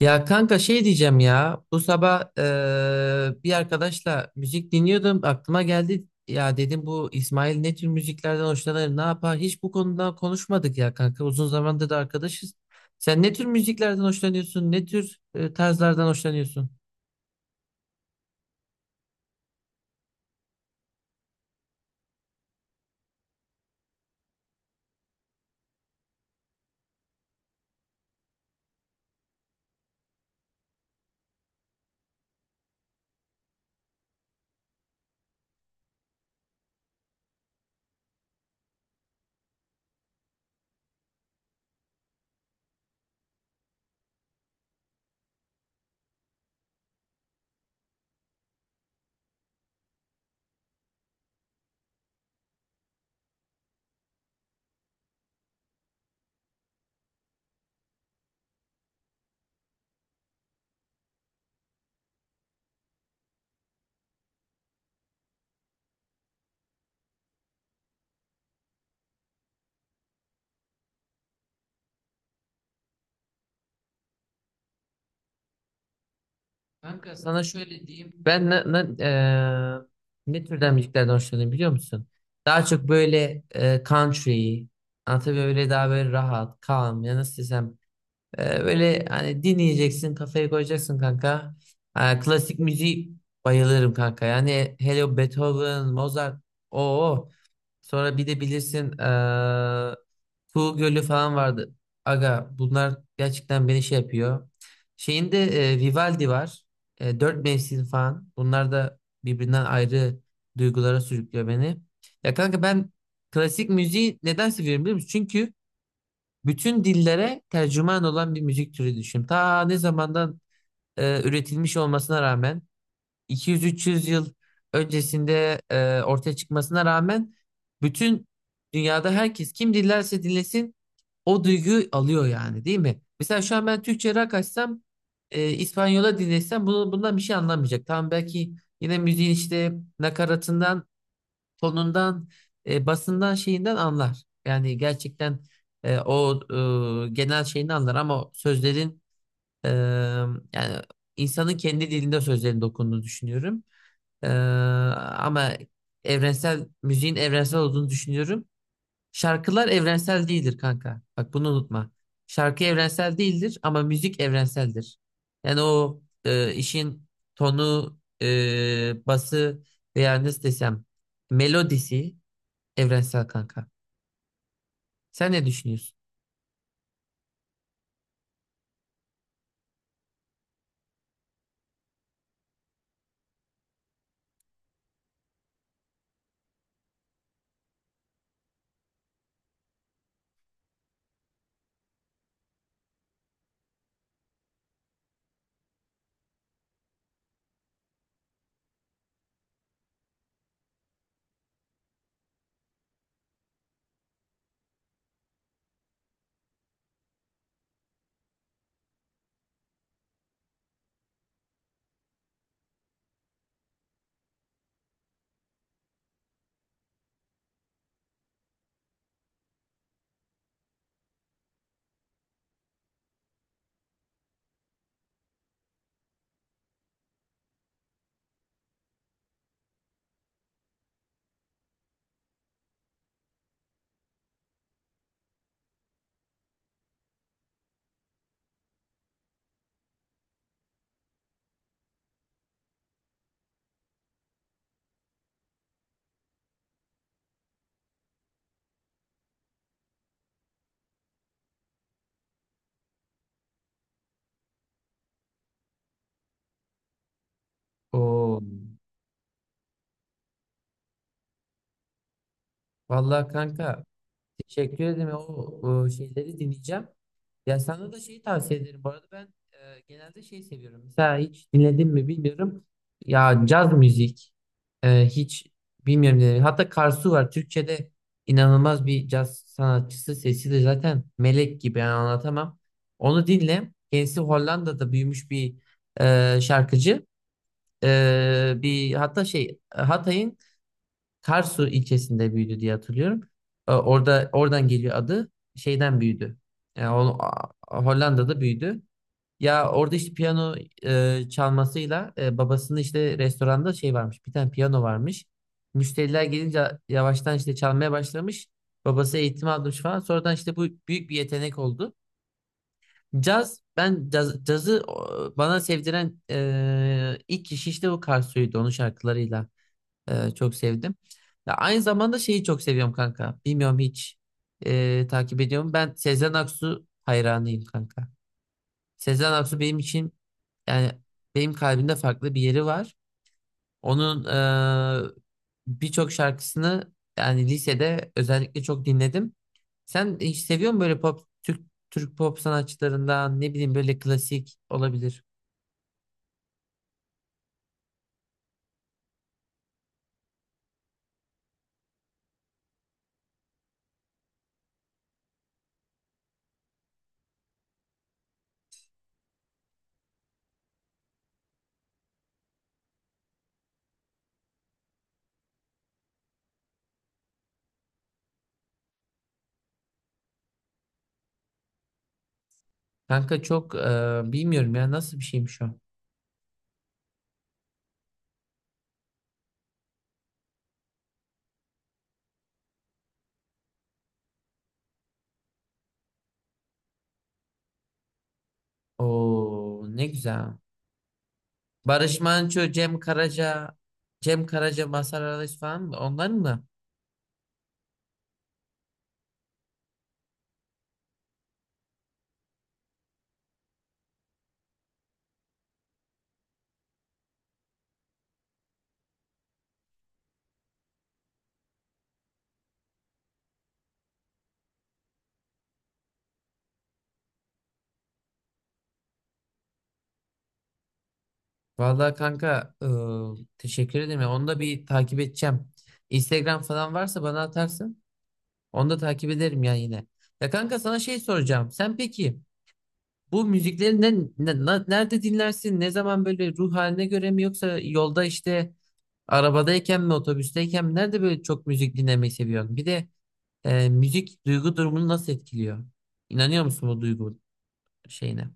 Ya kanka şey diyeceğim ya bu sabah bir arkadaşla müzik dinliyordum, aklıma geldi, ya dedim bu İsmail ne tür müziklerden hoşlanır, ne yapar, hiç bu konuda konuşmadık ya kanka, uzun zamandır da arkadaşız. Sen ne tür müziklerden hoşlanıyorsun, ne tür tarzlardan hoşlanıyorsun? Kanka sana şöyle diyeyim, ben ne türden müziklerden hoşlanıyorum biliyor musun? Daha çok böyle country, anlatabiliyor, öyle daha böyle rahat, calm, ya nasıl desem. Böyle hani dinleyeceksin, kafaya koyacaksın kanka. Ha, klasik müziği bayılırım kanka. Yani hele o Beethoven, Mozart. Oo. Sonra bir de bilirsin Kuğu Gölü falan vardı. Aga bunlar gerçekten beni şey yapıyor. Şeyinde Vivaldi var. Dört mevsim falan. Bunlar da birbirinden ayrı duygulara sürüklüyor beni. Ya kanka ben klasik müziği neden seviyorum biliyor musun? Bütün dillere tercüman olan bir müzik türü düşün. Ta ne zamandan üretilmiş olmasına rağmen, 200-300 yıl öncesinde ortaya çıkmasına rağmen, bütün dünyada herkes, kim dinlerse dinlesin, o duyguyu alıyor yani, değil mi? Mesela şu an ben Türkçe rock açsam, İspanyola dinlesem bunu, bundan bir şey anlamayacak. Tamam, belki yine müziğin işte nakaratından, tonundan, basından, şeyinden anlar. Yani gerçekten o genel şeyini anlar, ama sözlerin, e, yani insanın kendi dilinde sözlerin dokunduğunu düşünüyorum. E, Ama evrensel, müziğin evrensel olduğunu düşünüyorum. Şarkılar evrensel değildir kanka. Bak bunu unutma. Şarkı evrensel değildir ama müzik evrenseldir. Yani o işin tonu, bası, veya nasıl desem, melodisi evrensel kanka. Sen ne düşünüyorsun? Oo. Vallahi kanka, teşekkür ederim. O şeyleri dinleyeceğim. Ya sana da şeyi tavsiye ederim. Bu arada ben genelde şey seviyorum. Mesela hiç dinledin mi bilmiyorum. Ya caz müzik, hiç bilmiyorum, dinledim. Hatta Karsu var. Türkçe'de inanılmaz bir caz sanatçısı. Sesi de zaten melek gibi. Yani anlatamam. Onu dinle. Kendisi Hollanda'da büyümüş bir şarkıcı. Bir hatta şey, Hatay'ın Karsu ilçesinde büyüdü diye hatırlıyorum. Oradan geliyor adı. Şeyden büyüdü. Yani Hollanda'da büyüdü. Ya orada işte piyano çalmasıyla, babasının işte restoranda şey varmış. Bir tane piyano varmış. Müşteriler gelince yavaştan işte çalmaya başlamış. Babası eğitim almış falan. Sonradan işte bu büyük bir yetenek oldu. Cazı o, bana sevdiren ilk kişi işte o Karsu'ydu, onun şarkılarıyla. Çok sevdim. Ya aynı zamanda şeyi çok seviyorum kanka. Bilmiyorum, hiç takip ediyorum. Ben Sezen Aksu hayranıyım kanka. Sezen Aksu benim için, yani benim kalbimde farklı bir yeri var. Onun e, birçok şarkısını yani lisede özellikle çok dinledim. Sen hiç seviyor musun böyle pop, Türk pop sanatçılarından, ne bileyim, böyle klasik olabilir. Kanka çok bilmiyorum ya, nasıl bir şeymiş o. Oo, ne güzel. Barış Manço, Cem Karaca, Mazhar Alaş falan mı? Onların mı? Vallahi kanka, teşekkür ederim ya. Onu da bir takip edeceğim. Instagram falan varsa bana atarsın. Onu da takip ederim ya yine. Ya kanka sana şey soracağım. Sen peki bu müzikleri nerede dinlersin? Ne zaman, böyle ruh haline göre mi, yoksa yolda, işte arabadayken mi, otobüsteyken mi? Nerede böyle çok müzik dinlemeyi seviyorsun? Bir de müzik duygu durumunu nasıl etkiliyor? İnanıyor musun bu duygu şeyine?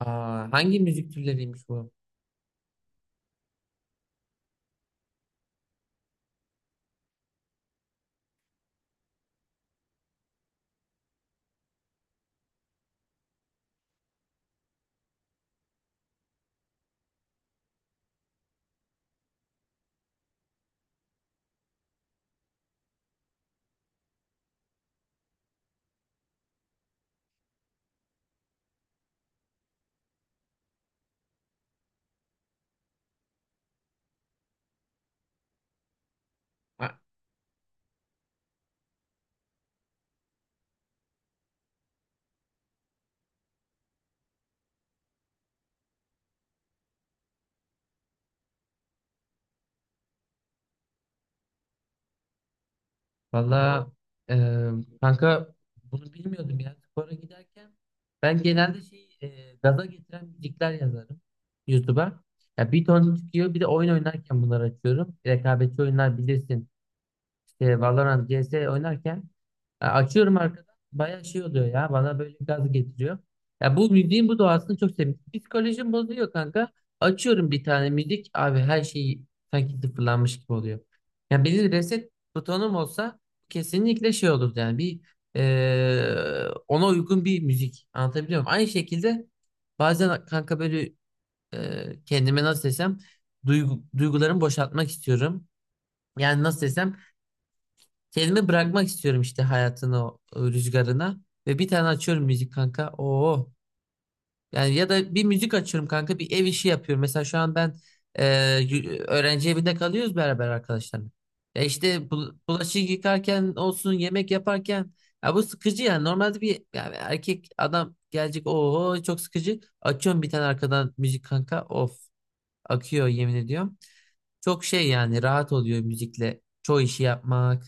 Aa, hangi müzik türleriymiş bu? Ha, valla, e, kanka bunu bilmiyordum ya. Spora giderken ben genelde şey, gaza getiren müzikler yazarım YouTube'a. Ya bir ton çıkıyor, bir de oyun oynarken bunları açıyorum. Rekabetçi oyunlar bilirsin. İşte Valorant, CS oynarken ya, açıyorum arkadan, bayağı şey oluyor ya, bana böyle gaz getiriyor. Ya bu müziğin bu doğasını çok seviyorum. Psikolojim bozuyor kanka. Açıyorum bir tane müzik abi, her şey sanki sıfırlanmış gibi oluyor. Ya benim reset butonum olsa, kesinlikle şey olurdu yani, bir ona uygun bir müzik, anlatabiliyor muyum? Aynı şekilde bazen kanka böyle kendime, nasıl desem, duygularımı boşaltmak istiyorum. Yani nasıl desem, kendimi bırakmak istiyorum işte hayatın o rüzgarına. Ve bir tane açıyorum müzik kanka. Oo. Yani ya da bir müzik açıyorum kanka, bir ev işi yapıyorum. Mesela şu an ben öğrenci evinde kalıyoruz beraber arkadaşlarla. Ya işte bulaşık yıkarken olsun, yemek yaparken. Ya bu sıkıcı yani. Normalde bir yani erkek adam gelecek. Oo, çok sıkıcı. Açıyorum bir tane arkadan müzik kanka. Of, akıyor, yemin ediyorum. Çok şey yani, rahat oluyor müzikle. Çoğu işi yapmak,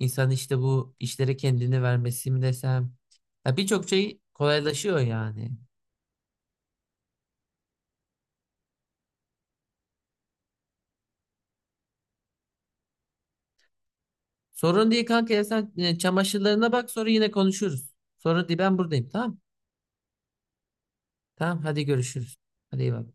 insan işte bu işlere kendini vermesi mi desem. Ya birçok şey kolaylaşıyor yani. Sorun değil kanka, ya sen çamaşırlarına bak, sonra yine konuşuruz. Sorun değil, ben buradayım, tamam. Tamam, hadi görüşürüz. Hadi, iyi bak.